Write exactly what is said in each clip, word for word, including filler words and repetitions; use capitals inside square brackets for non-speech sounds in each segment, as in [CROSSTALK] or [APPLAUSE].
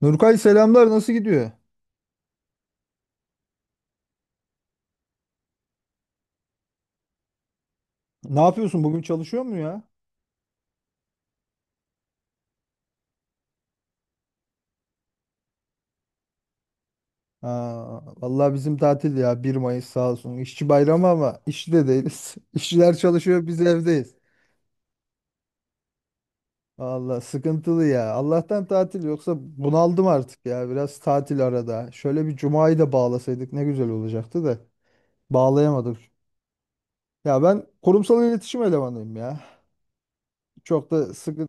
Nurkay selamlar nasıl gidiyor? Ne yapıyorsun bugün çalışıyor mu ya? Ha, vallahi bizim tatil ya bir Mayıs sağ olsun. İşçi bayramı ama işçi de değiliz. [LAUGHS] İşçiler çalışıyor biz evdeyiz. Vallahi sıkıntılı ya. Allah'tan tatil yoksa bunaldım artık ya. Biraz tatil arada. Şöyle bir cumayı da bağlasaydık ne güzel olacaktı da bağlayamadık. Ya ben kurumsal iletişim elemanıyım ya. Çok da sıkı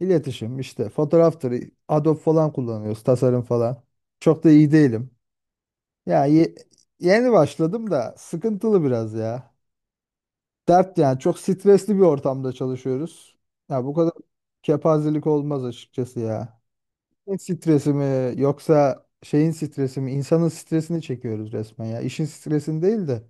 iletişim işte fotoğraftır, Adobe falan kullanıyoruz, tasarım falan. Çok da iyi değilim. Ya ye- Yeni başladım da sıkıntılı biraz ya. Dert yani çok stresli bir ortamda çalışıyoruz. Ya bu kadar kepazelik olmaz açıkçası ya. İşin stresi mi yoksa şeyin stresi mi? İnsanın stresini çekiyoruz resmen ya. İşin stresini değil de.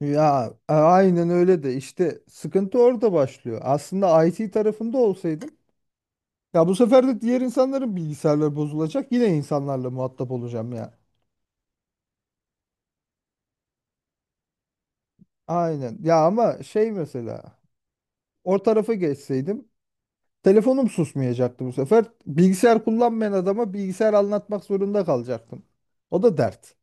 Ya a- aynen öyle de işte sıkıntı orada başlıyor. Aslında I T tarafında olsaydım ya bu sefer de diğer insanların bilgisayarları bozulacak. Yine insanlarla muhatap olacağım ya. Aynen. Ya ama şey mesela o tarafa geçseydim telefonum susmayacaktı bu sefer. Bilgisayar kullanmayan adama bilgisayar anlatmak zorunda kalacaktım. O da dert.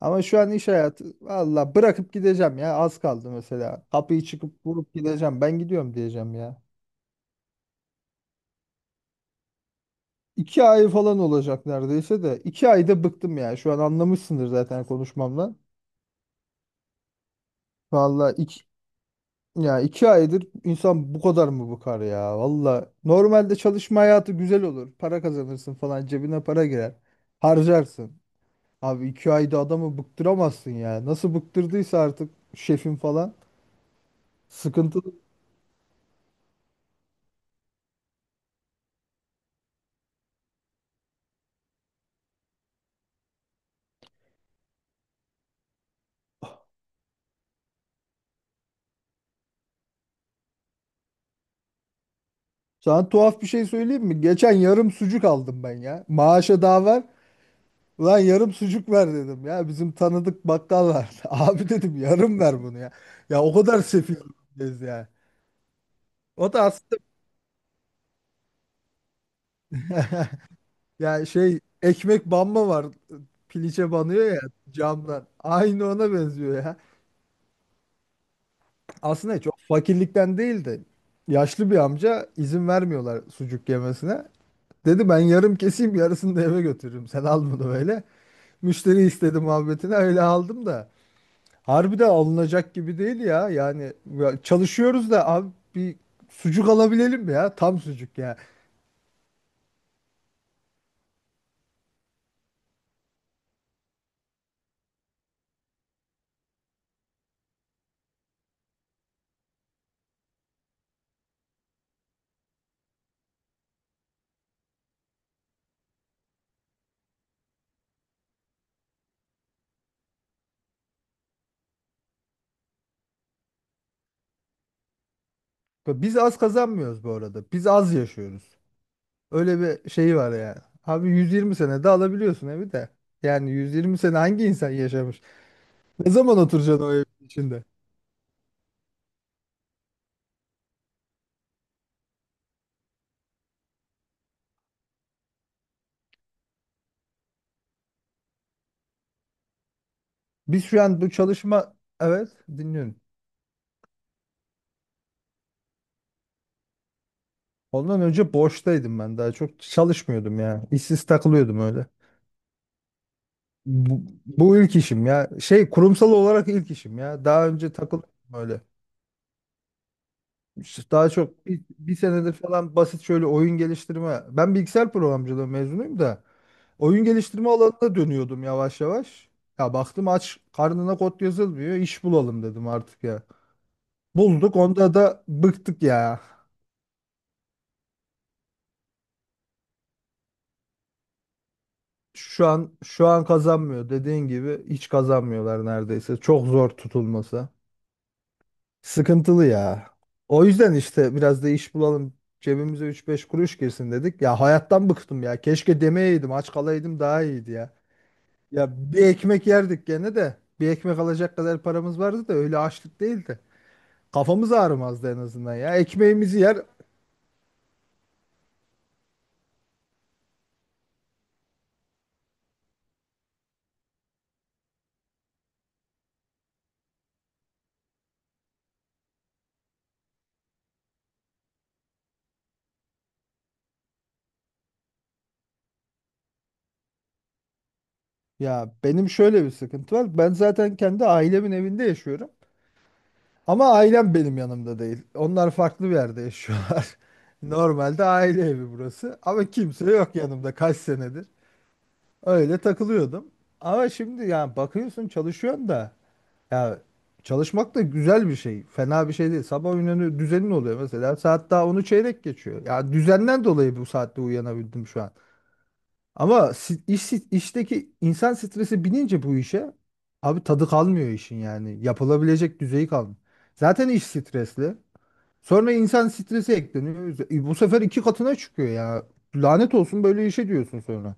Ama şu an iş hayatı valla bırakıp gideceğim ya az kaldı mesela. Kapıyı çıkıp vurup gideceğim ben gidiyorum diyeceğim ya. İki ay falan olacak neredeyse de. İki ayda bıktım ya şu an anlamışsındır zaten konuşmamla. Valla iki Ya iki aydır insan bu kadar mı bıkar ya? Valla normalde çalışma hayatı güzel olur. Para kazanırsın falan cebine para girer. Harcarsın. Abi iki ayda adamı bıktıramazsın ya. Nasıl bıktırdıysa artık şefin falan. Sıkıntılı. Sana tuhaf bir şey söyleyeyim mi? Geçen yarım sucuk aldım ben ya. Maaşa daha var. Ulan yarım sucuk ver dedim ya. Bizim tanıdık bakkal var. [LAUGHS] Abi dedim yarım ver bunu ya. Ya o kadar sefil ya. O da aslında yani şey ekmek banma var. Piliçe banıyor ya camdan. Aynı ona benziyor ya. Aslında çok fakirlikten değil de yaşlı bir amca izin vermiyorlar sucuk yemesine. Dedi ben yarım keseyim yarısını da eve götürürüm. Sen al bunu böyle. Müşteri istedi muhabbetine öyle aldım da. Harbi de alınacak gibi değil ya. Yani ya çalışıyoruz da abi bir sucuk alabilelim ya. Tam sucuk ya. Biz az kazanmıyoruz bu arada. Biz az yaşıyoruz. Öyle bir şeyi var yani. Abi yüz yirmi sene de alabiliyorsun evi de. Yani yüz yirmi sene hangi insan yaşamış? Ne zaman oturacaksın o evin içinde? Biz şu an bu çalışma... Evet, dinliyorum. Ondan önce boştaydım ben daha çok çalışmıyordum ya. İşsiz takılıyordum öyle. Bu, bu ilk işim ya. Şey kurumsal olarak ilk işim ya. Daha önce takılıyordum öyle. İşte daha çok bir, bir senedir falan basit şöyle oyun geliştirme. Ben bilgisayar programcılığı mezunuyum da. Oyun geliştirme alanına dönüyordum yavaş yavaş. Ya baktım aç karnına kod yazılmıyor. İş bulalım dedim artık ya. Bulduk onda da bıktık ya. Şu an şu an kazanmıyor dediğin gibi hiç kazanmıyorlar neredeyse. Çok zor tutulması. Sıkıntılı ya. O yüzden işte biraz da iş bulalım. Cebimize üç beş kuruş girsin dedik. Ya hayattan bıktım ya. Keşke demeyeydim, aç kalaydım daha iyiydi ya. Ya bir ekmek yerdik gene de. Bir ekmek alacak kadar paramız vardı da öyle açlık değildi. Kafamız ağrımazdı en azından ya. Ekmeğimizi yer. Ya benim şöyle bir sıkıntı var. Ben zaten kendi ailemin evinde yaşıyorum. Ama ailem benim yanımda değil. Onlar farklı bir yerde yaşıyorlar. [LAUGHS] Normalde aile evi burası. Ama kimse yok yanımda kaç senedir. Öyle takılıyordum. Ama şimdi ya bakıyorsun çalışıyorsun da ya çalışmak da güzel bir şey. Fena bir şey değil. Sabah uyanıyor düzenin oluyor mesela. Saat daha onu çeyrek geçiyor. Ya düzenden dolayı bu saatte uyanabildim şu an. Ama si- iş, si-, işteki insan stresi binince bu işe abi tadı kalmıyor işin yani. Yapılabilecek düzeyi kalmıyor. Zaten iş stresli. Sonra insan stresi ekleniyor. E, Bu sefer iki katına çıkıyor ya. Lanet olsun böyle işe diyorsun sonra.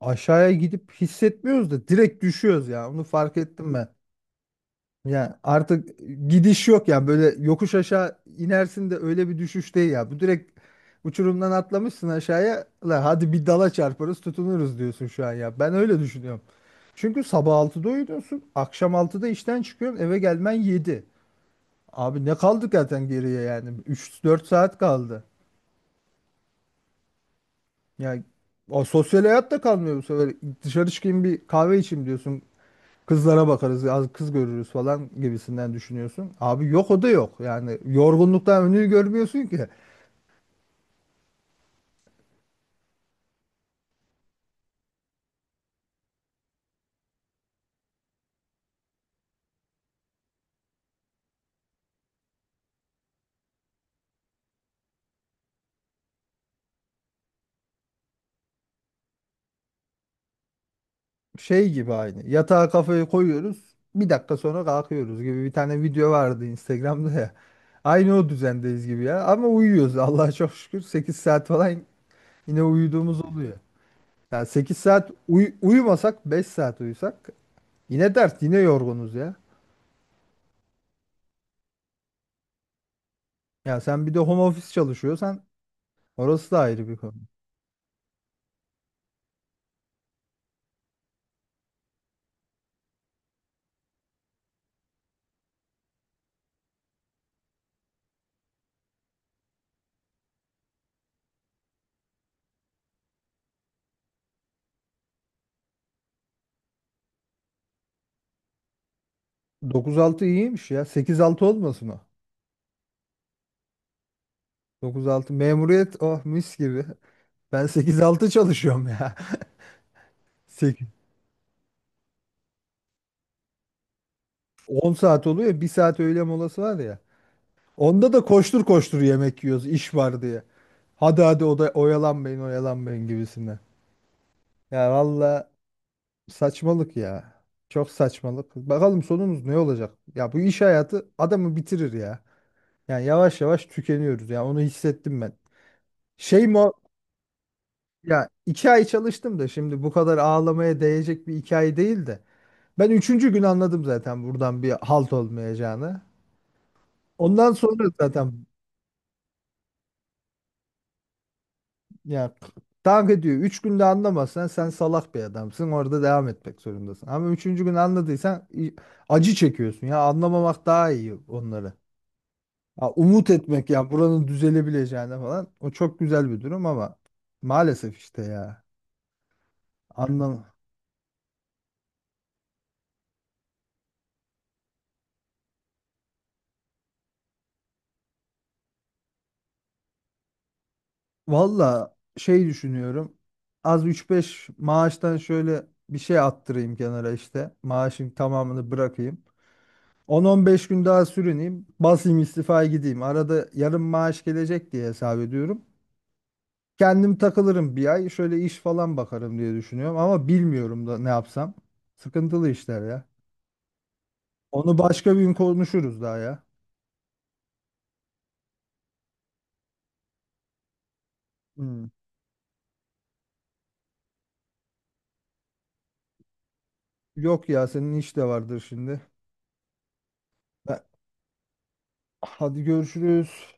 Aşağıya gidip hissetmiyoruz da direkt düşüyoruz ya. Onu fark ettim ben. Ya artık gidiş yok ya böyle yokuş aşağı inersin de öyle bir düşüş değil ya. Bu direkt uçurumdan atlamışsın aşağıya. La hadi bir dala çarparız tutunuruz diyorsun şu an ya. Ben öyle düşünüyorum. Çünkü sabah altıda uyuyorsun, akşam altıda işten çıkıyorsun, eve gelmen yedi. Abi ne kaldı zaten geriye yani? Üç dört saat kaldı. Ya o sosyal hayat da kalmıyor bu sefer. Dışarı çıkayım bir kahve içeyim diyorsun. Kızlara bakarız, az kız görürüz falan gibisinden düşünüyorsun. Abi yok o da yok. Yani yorgunluktan önünü görmüyorsun ki. Şey gibi aynı. Yatağa kafayı koyuyoruz. Bir dakika sonra kalkıyoruz gibi bir tane video vardı Instagram'da ya. Aynı o düzendeyiz gibi ya. Ama uyuyoruz Allah'a çok şükür. Sekiz saat falan yine uyuduğumuz oluyor. Yani sekiz saat uy- uyumasak beş saat uyusak yine dert yine yorgunuz ya. Ya sen bir de home office çalışıyorsan orası da ayrı bir konu. Dokuz altı iyiymiş ya. Sekiz altı olmasın o. Dokuz altı memuriyet oh mis gibi. Ben sekiz altı çalışıyorum ya. [LAUGHS] Sekiz on saat oluyor. Bir saat öğle molası var ya. Onda da koştur koştur yemek yiyoruz iş var diye. Hadi hadi o da oyalanmayın oyalanmayın gibisinden. Ya valla saçmalık ya. Çok saçmalık. Bakalım sonumuz ne olacak? Ya bu iş hayatı adamı bitirir ya. Yani yavaş yavaş tükeniyoruz. Yani onu hissettim ben. Şey mi? Ya iki ay çalıştım da şimdi bu kadar ağlamaya değecek bir hikaye değil de. Ben üçüncü gün anladım zaten buradan bir halt olmayacağını. Ondan sonra zaten ya dank ediyor. Üç günde anlamazsan sen salak bir adamsın. Orada devam etmek zorundasın. Ama üçüncü gün anladıysan i- acı çekiyorsun. Ya anlamamak daha iyi onları. Ya umut etmek ya buranın düzelebileceğine falan. O çok güzel bir durum ama maalesef işte ya. Anlam. Valla şey düşünüyorum. Az üç beş maaştan şöyle bir şey attırayım kenara işte. Maaşın tamamını bırakayım. On on beş gün daha sürüneyim. Basayım istifa gideyim. Arada yarım maaş gelecek diye hesap ediyorum. Kendim takılırım bir ay. Şöyle iş falan bakarım diye düşünüyorum. Ama bilmiyorum da ne yapsam. Sıkıntılı işler ya. Onu başka bir gün konuşuruz daha ya. Hmm. Yok ya senin iş de vardır şimdi. Ben- Hadi görüşürüz.